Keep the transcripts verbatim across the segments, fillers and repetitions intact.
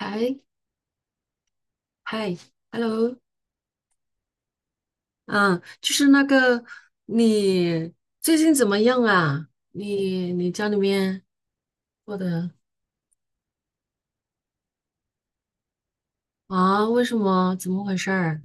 嗨嗨，hello，嗯，就是那个，你最近怎么样啊？你你家里面过得啊？为什么？怎么回事儿？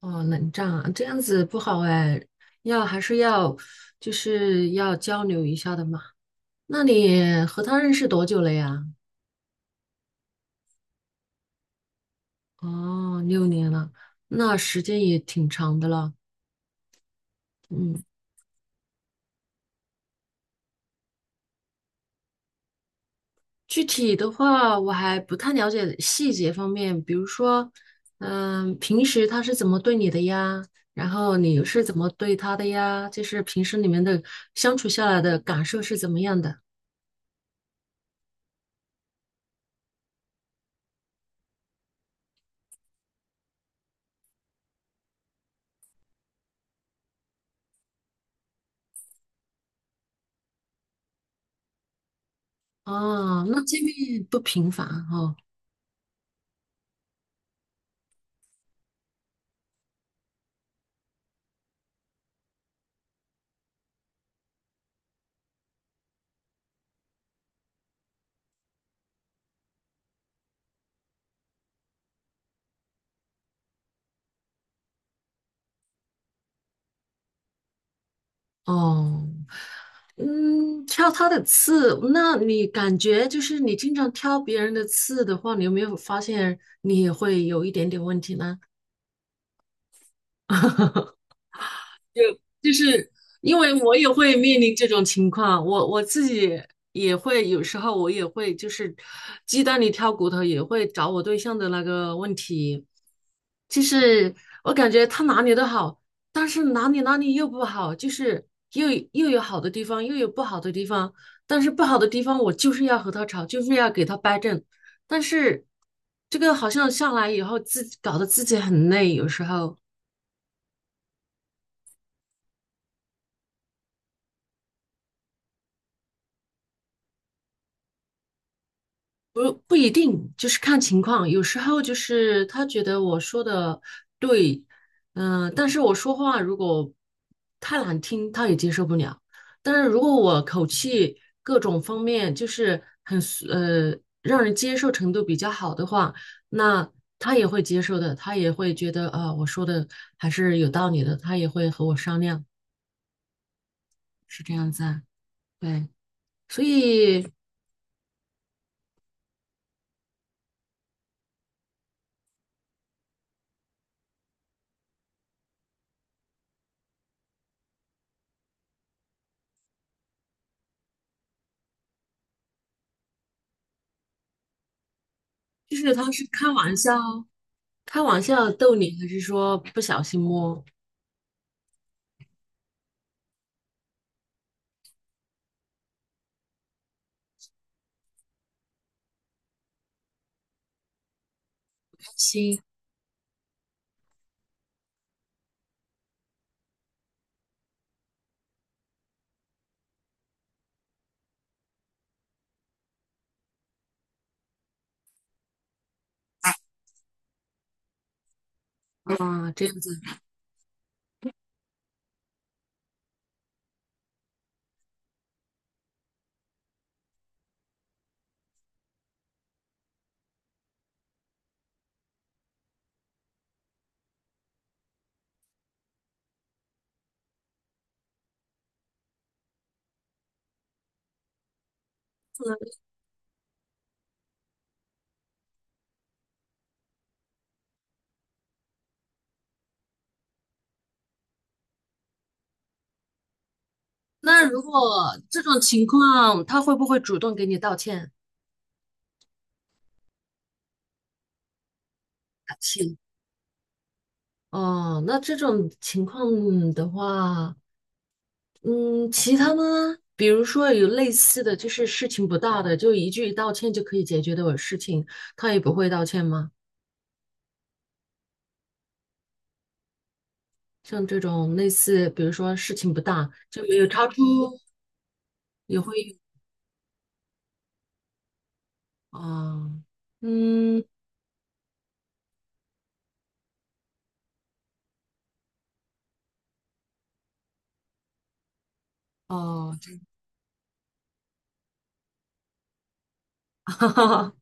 哦，冷战啊，这样子不好哎，要还是要，就是要交流一下的嘛。那你和他认识多久了呀？哦，六年了，那时间也挺长的了。嗯。具体的话，我还不太了解细节方面，比如说，嗯，平时他是怎么对你的呀？然后你是怎么对他的呀？就是平时你们的相处下来的感受是怎么样的？哦，那见面不频繁啊哦。哦，嗯，挑他的刺，那你感觉就是你经常挑别人的刺的话，你有没有发现你也会有一点点问题呢？就是因为我也会面临这种情况，我我自己也会有时候我也会就是鸡蛋里挑骨头，也会找我对象的那个问题。就是我感觉他哪里都好，但是哪里哪里又不好，就是又又有好的地方，又有不好的地方。但是不好的地方，我就是要和他吵，就是要给他掰正。但是这个好像下来以后，自己搞得自己很累，有时候。不不一定，就是看情况。有时候就是他觉得我说的对，嗯、但是我说话如果太难听，他也接受不了。但是如果我口气各种方面就是很呃让人接受程度比较好的话，那他也会接受的，他也会觉得啊、我说的还是有道理的，他也会和我商量，是这样子啊。对，所以就是他是开玩笑。开玩笑逗你，还是说不小心摸开心啊？这样子。那如果这种情况，他会不会主动给你道歉、道歉？哦，那这种情况的话，嗯，其他呢？比如说有类似的就是事情不大的，就一句道歉就可以解决的事情，他也不会道歉吗？像这种类似，比如说事情不大，就没有超出，也会，啊，嗯，哦，哈哈，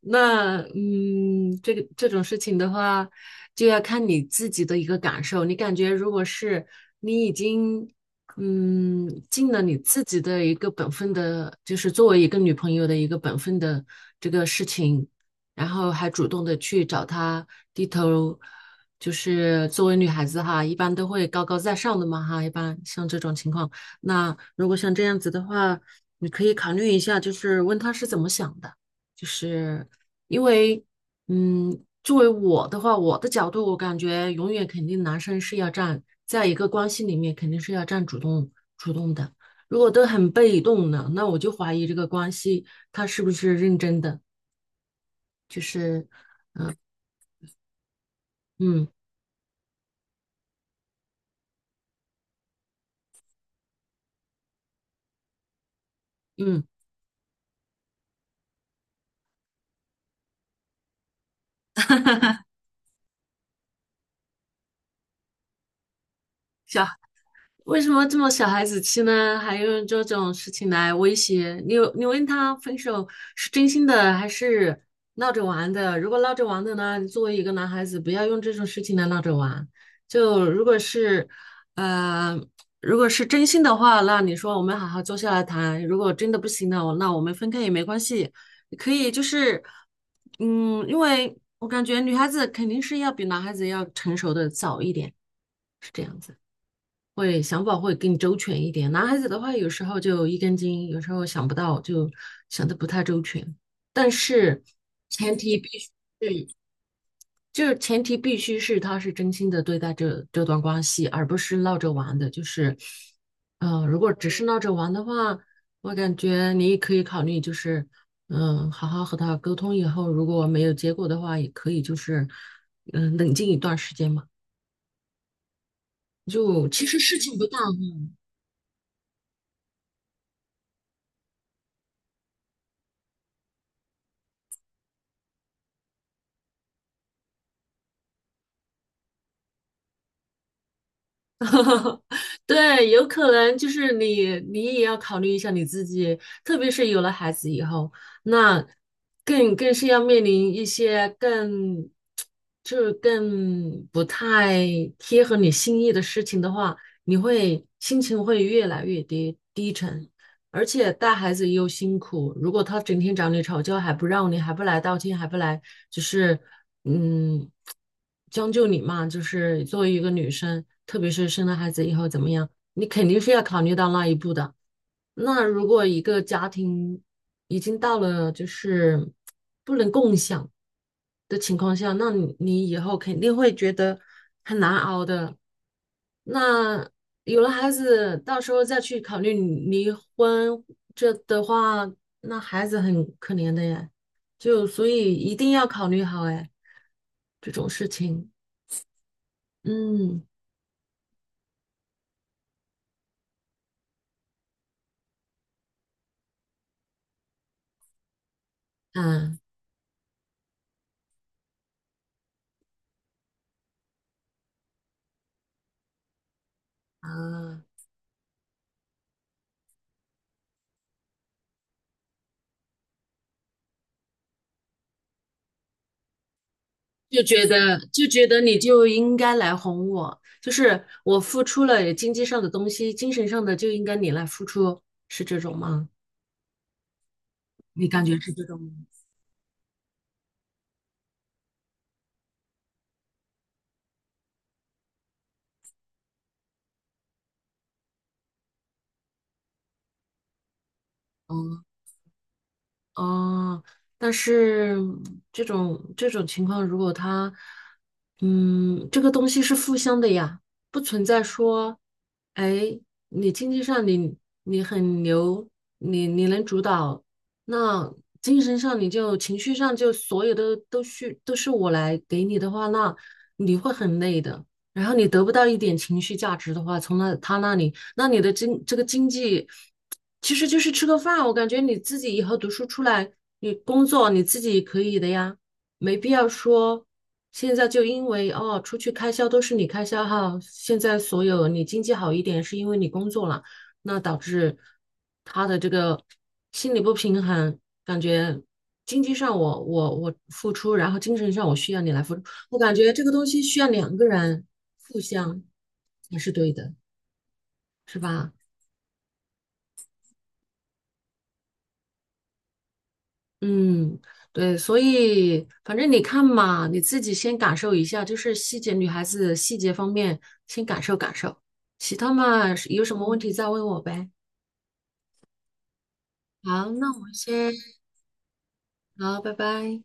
那嗯，这个这种事情的话，就要看你自己的一个感受。你感觉如果是你已经嗯尽了你自己的一个本分的，就是作为一个女朋友的一个本分的这个事情，然后还主动的去找他低头，就是作为女孩子哈，一般都会高高在上的嘛哈，一般像这种情况。那如果像这样子的话，你可以考虑一下，就是问他是怎么想的，就是因为，嗯，作为我的话，我的角度，我感觉永远肯定男生是要站在一个关系里面肯定是要占主动主动的。如果都很被动的，那我就怀疑这个关系他是不是认真的，就是，嗯嗯，小为什么这么小孩子气呢？还用这种事情来威胁你有你问他分手是真心的还是闹着玩的？如果闹着玩的呢，你作为一个男孩子，不要用这种事情来闹着玩。就如果是，呃，如果是真心的话，那你说我们好好坐下来谈。如果真的不行了，我那我们分开也没关系，可以就是，嗯，因为我感觉女孩子肯定是要比男孩子要成熟的早一点，是这样子。会想法会更周全一点。男孩子的话，有时候就一根筋，有时候想不到，就想的不太周全。但是前提必须是，就是前提必须是他是真心的对待这这段关系，而不是闹着玩的。就是，呃，如果只是闹着玩的话，我感觉你也可以考虑，就是，嗯，好好和他沟通以后，如果没有结果的话，也可以就是，嗯，冷静一段时间嘛。就其实事情不大。对，有可能就是你，你也要考虑一下你自己，特别是有了孩子以后，那更更是要面临一些更，就是更不太贴合你心意的事情的话，你会心情会越来越低低沉，而且带孩子又辛苦，如果他整天找你吵架，还不让你，还不来道歉，还不来，就是。嗯，将就你嘛，就是作为一个女生，特别是生了孩子以后怎么样，你肯定是要考虑到那一步的。那如果一个家庭已经到了就是不能共享，的情况下，那你你以后肯定会觉得很难熬的。那有了孩子，到时候再去考虑离婚，这的话，那孩子很可怜的呀。就所以一定要考虑好哎，这种事情。嗯嗯啊，就觉得就觉得你就应该来哄我，就是我付出了经济上的东西，精神上的就应该你来付出，是这种吗？你感觉是这种？嗯哦，但是嗯这种这种情况，如果他，嗯，这个东西是互相的呀，不存在说，哎，你经济上你你很牛，你你能主导，那精神上你就情绪上就所有的都需都是我来给你的话，那你会很累的。然后你得不到一点情绪价值的话，从那他那里。那你的经这个经济其实就是吃个饭，我感觉你自己以后读书出来，你工作你自己可以的呀，没必要说现在就因为哦出去开销都是你开销哈，现在所有你经济好一点是因为你工作了，那导致他的这个心理不平衡，感觉。经济上我我我付出，然后精神上我需要你来付出，我感觉这个东西需要两个人互相才是对的，是吧？嗯，对，所以反正你看嘛，你自己先感受一下，就是细节，女孩子细节方面先感受感受，其他嘛有什么问题再问我呗。好，那我们先，好，拜拜。